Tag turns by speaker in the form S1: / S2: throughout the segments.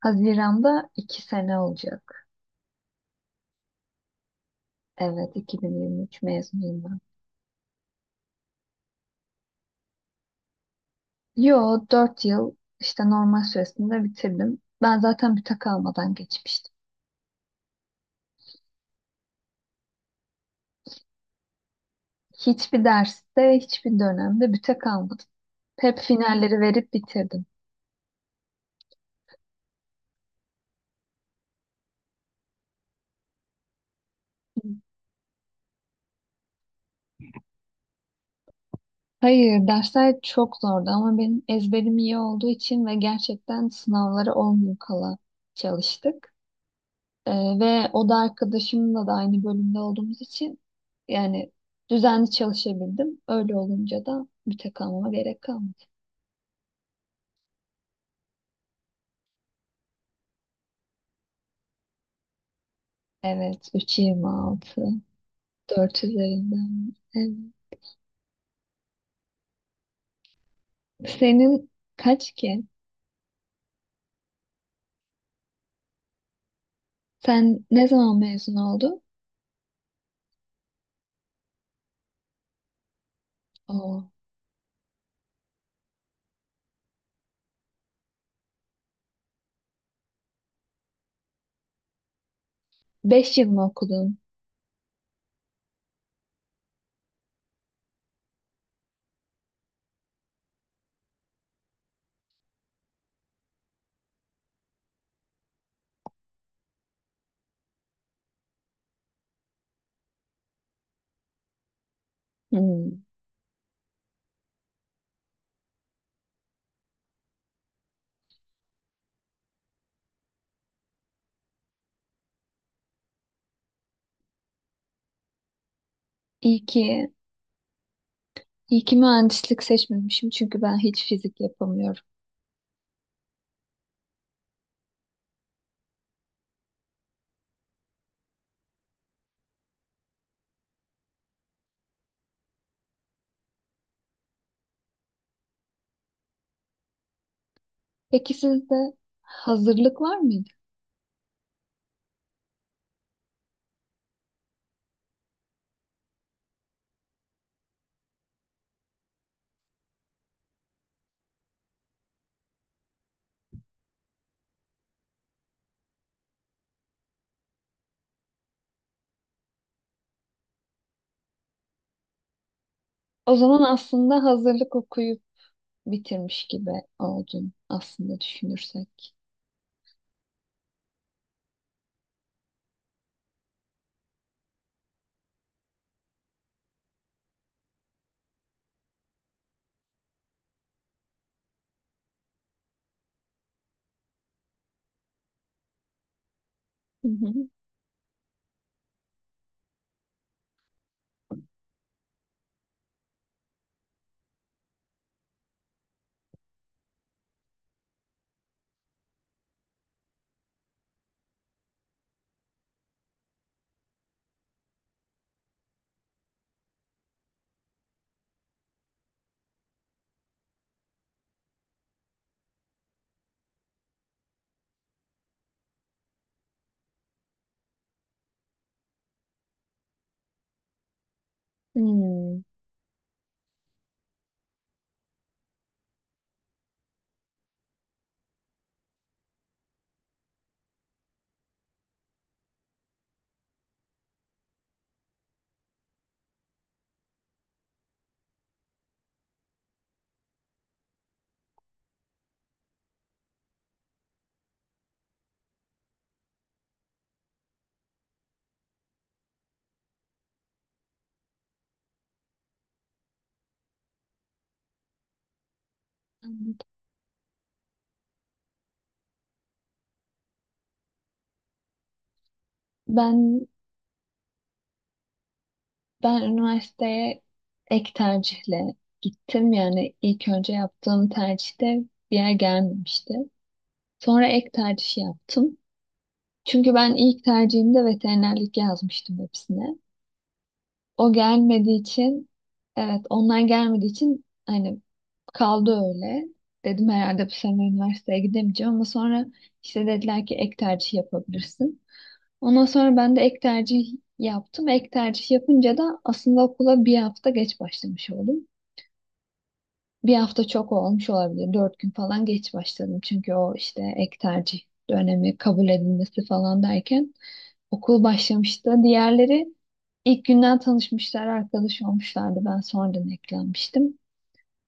S1: Haziran'da iki sene olacak. Evet, 2023 mezunuyum ben. Yo, dört yıl işte normal süresinde bitirdim. Ben zaten büte kalmadan geçmiştim. Hiçbir derste, hiçbir dönemde büte kalmadım. Hep finalleri verip bitirdim. Hayır, dersler çok zordu ama benim ezberim iyi olduğu için ve gerçekten sınavlara 10 gün kala çalıştık. Ee, Ve o da arkadaşımla da aynı bölümde olduğumuz için yani düzenli çalışabildim. Öyle olunca da müte kalmama gerek kalmadı. Evet, 3,26, 4 üzerinden. Evet. Senin kaç ki? Sen ne zaman mezun oldun? Oo, 5 yıl mı okudun? Hmm. İyi ki, iyi ki mühendislik seçmemişim çünkü ben hiç fizik yapamıyorum. Peki sizde hazırlık var mıydı? O zaman aslında hazırlık okuyup bitirmiş gibi oldun aslında düşünürsek. Hı hı. Hmm. Anladım. Ben ben üniversiteye ek tercihle gittim. Yani ilk önce yaptığım tercihte bir yer gelmemişti. Sonra ek tercih yaptım. Çünkü ben ilk tercihimde veterinerlik yazmıştım hepsine. O gelmediği için, evet onlar gelmediği için hani kaldı öyle. Dedim herhalde bu sene üniversiteye gidemeyeceğim ama sonra işte dediler ki ek tercih yapabilirsin. Ondan sonra ben de ek tercih yaptım. Ek tercih yapınca da aslında okula bir hafta geç başlamış oldum. Bir hafta çok olmuş olabilir. Dört gün falan geç başladım. Çünkü o işte ek tercih dönemi kabul edilmesi falan derken okul başlamıştı. Diğerleri ilk günden tanışmışlar, arkadaş olmuşlardı. Ben sonradan eklenmiştim.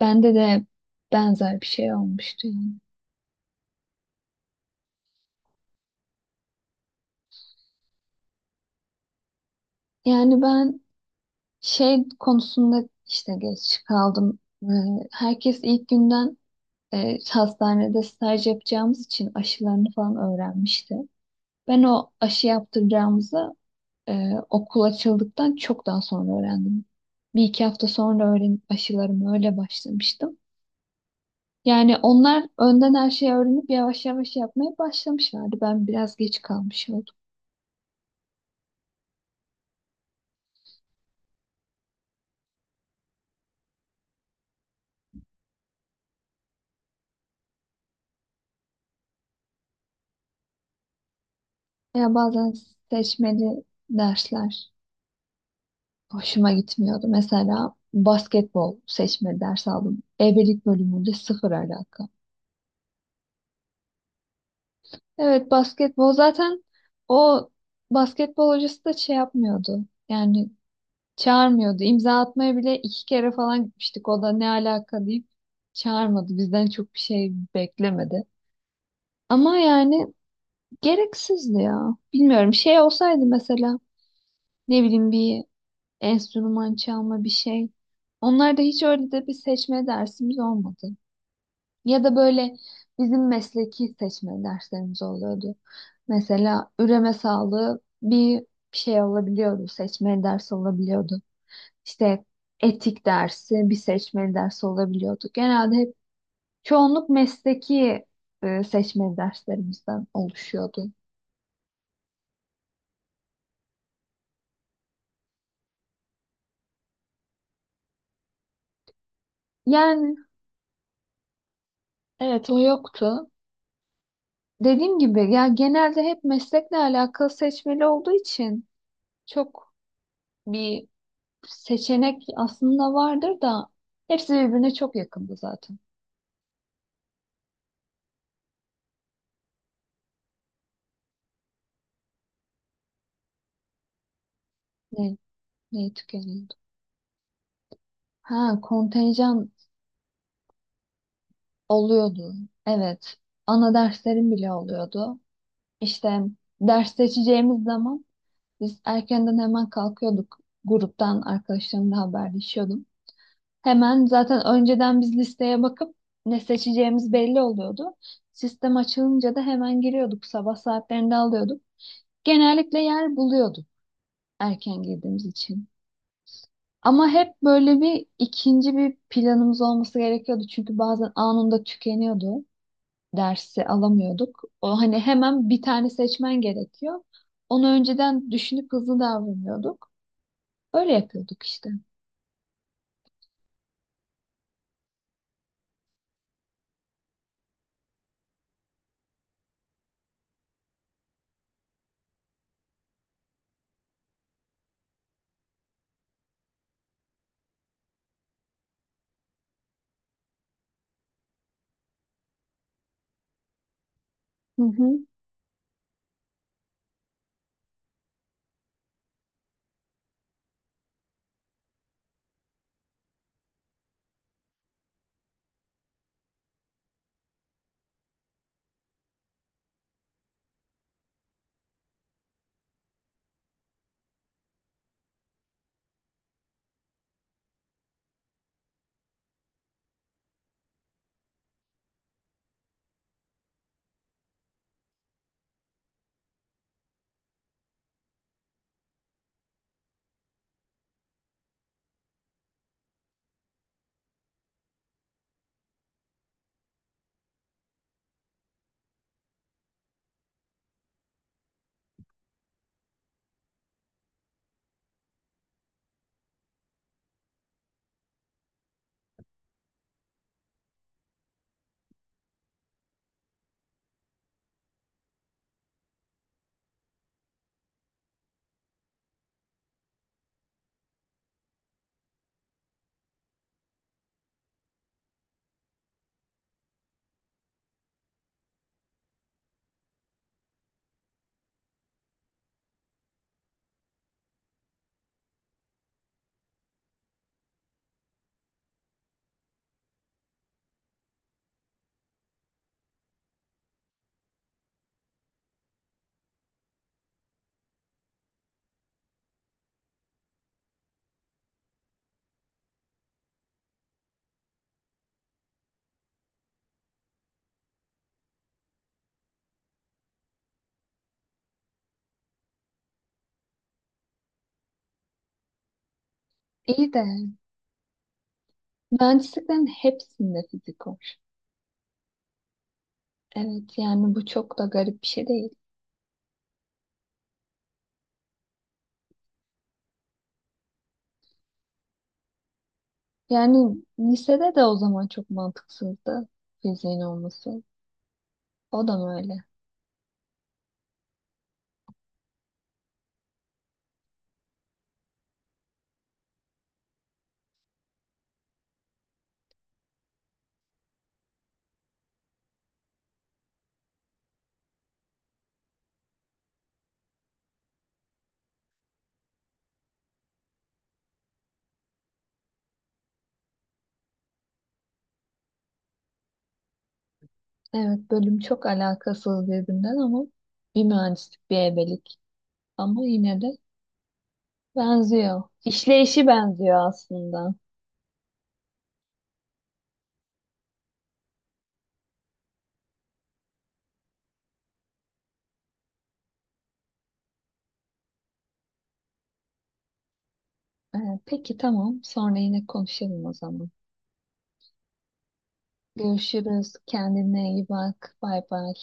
S1: Bende de benzer bir şey olmuştu yani. Yani ben şey konusunda işte geç kaldım. Herkes ilk günden hastanede staj yapacağımız için aşılarını falan öğrenmişti. Ben o aşı yaptıracağımızı e, okul açıldıktan çok daha sonra öğrendim. Bir iki hafta sonra öğrenip aşılarımı öyle başlamıştım. Yani onlar önden her şeyi öğrenip yavaş yavaş yapmaya başlamışlardı. Ben biraz geç kalmış oldum. Ya bazen seçmeli dersler hoşuma gitmiyordu. Mesela basketbol seçmeli ders aldım. Ebelik bölümünde sıfır alaka. Evet basketbol zaten o basketbol hocası da şey yapmıyordu. Yani çağırmıyordu. İmza atmaya bile iki kere falan gitmiştik. O da ne alaka deyip çağırmadı. Bizden çok bir şey beklemedi. Ama yani gereksizdi ya. Bilmiyorum. Şey olsaydı mesela ne bileyim bir enstrüman çalma bir şey. Onlar da hiç öyle de bir seçme dersimiz olmadı. Ya da böyle bizim mesleki seçme derslerimiz oluyordu. Mesela üreme sağlığı bir şey olabiliyordu. Seçme dersi olabiliyordu. İşte etik dersi, bir seçmeli ders olabiliyordu. Genelde hep çoğunluk mesleki seçmeli derslerimizden oluşuyordu. Yani evet o yoktu. Dediğim gibi ya genelde hep meslekle alakalı seçmeli olduğu için çok bir seçenek aslında vardır da hepsi birbirine çok yakındı zaten. Ne, neyi tükeniyordu? Ha kontenjan oluyordu. Evet. Ana derslerim bile oluyordu. İşte ders seçeceğimiz zaman biz erkenden hemen kalkıyorduk. Gruptan arkadaşlarımla haberleşiyordum. Hemen zaten önceden biz listeye bakıp ne seçeceğimiz belli oluyordu. Sistem açılınca da hemen giriyorduk. Sabah saatlerinde alıyorduk. Genellikle yer buluyorduk erken girdiğimiz için. Ama hep böyle bir ikinci bir planımız olması gerekiyordu. Çünkü bazen anında tükeniyordu. Dersi alamıyorduk. O hani hemen bir tane seçmen gerekiyor. Onu önceden düşünüp hızlı davranıyorduk. Öyle yapıyorduk işte. Hı hı. İyi de mühendisliklerin hepsinde fizik var. Evet yani bu çok da garip bir şey değil. Yani lisede de o zaman çok mantıksızdı fiziğin olması. O da mı öyle? Evet bölüm çok alakasız birbirinden ama bir mühendislik bir ebelik. Ama yine de benziyor. İşleyişi benziyor aslında. Peki tamam. Sonra yine konuşalım o zaman. Görüşürüz. Kendine iyi bak. Bay bay.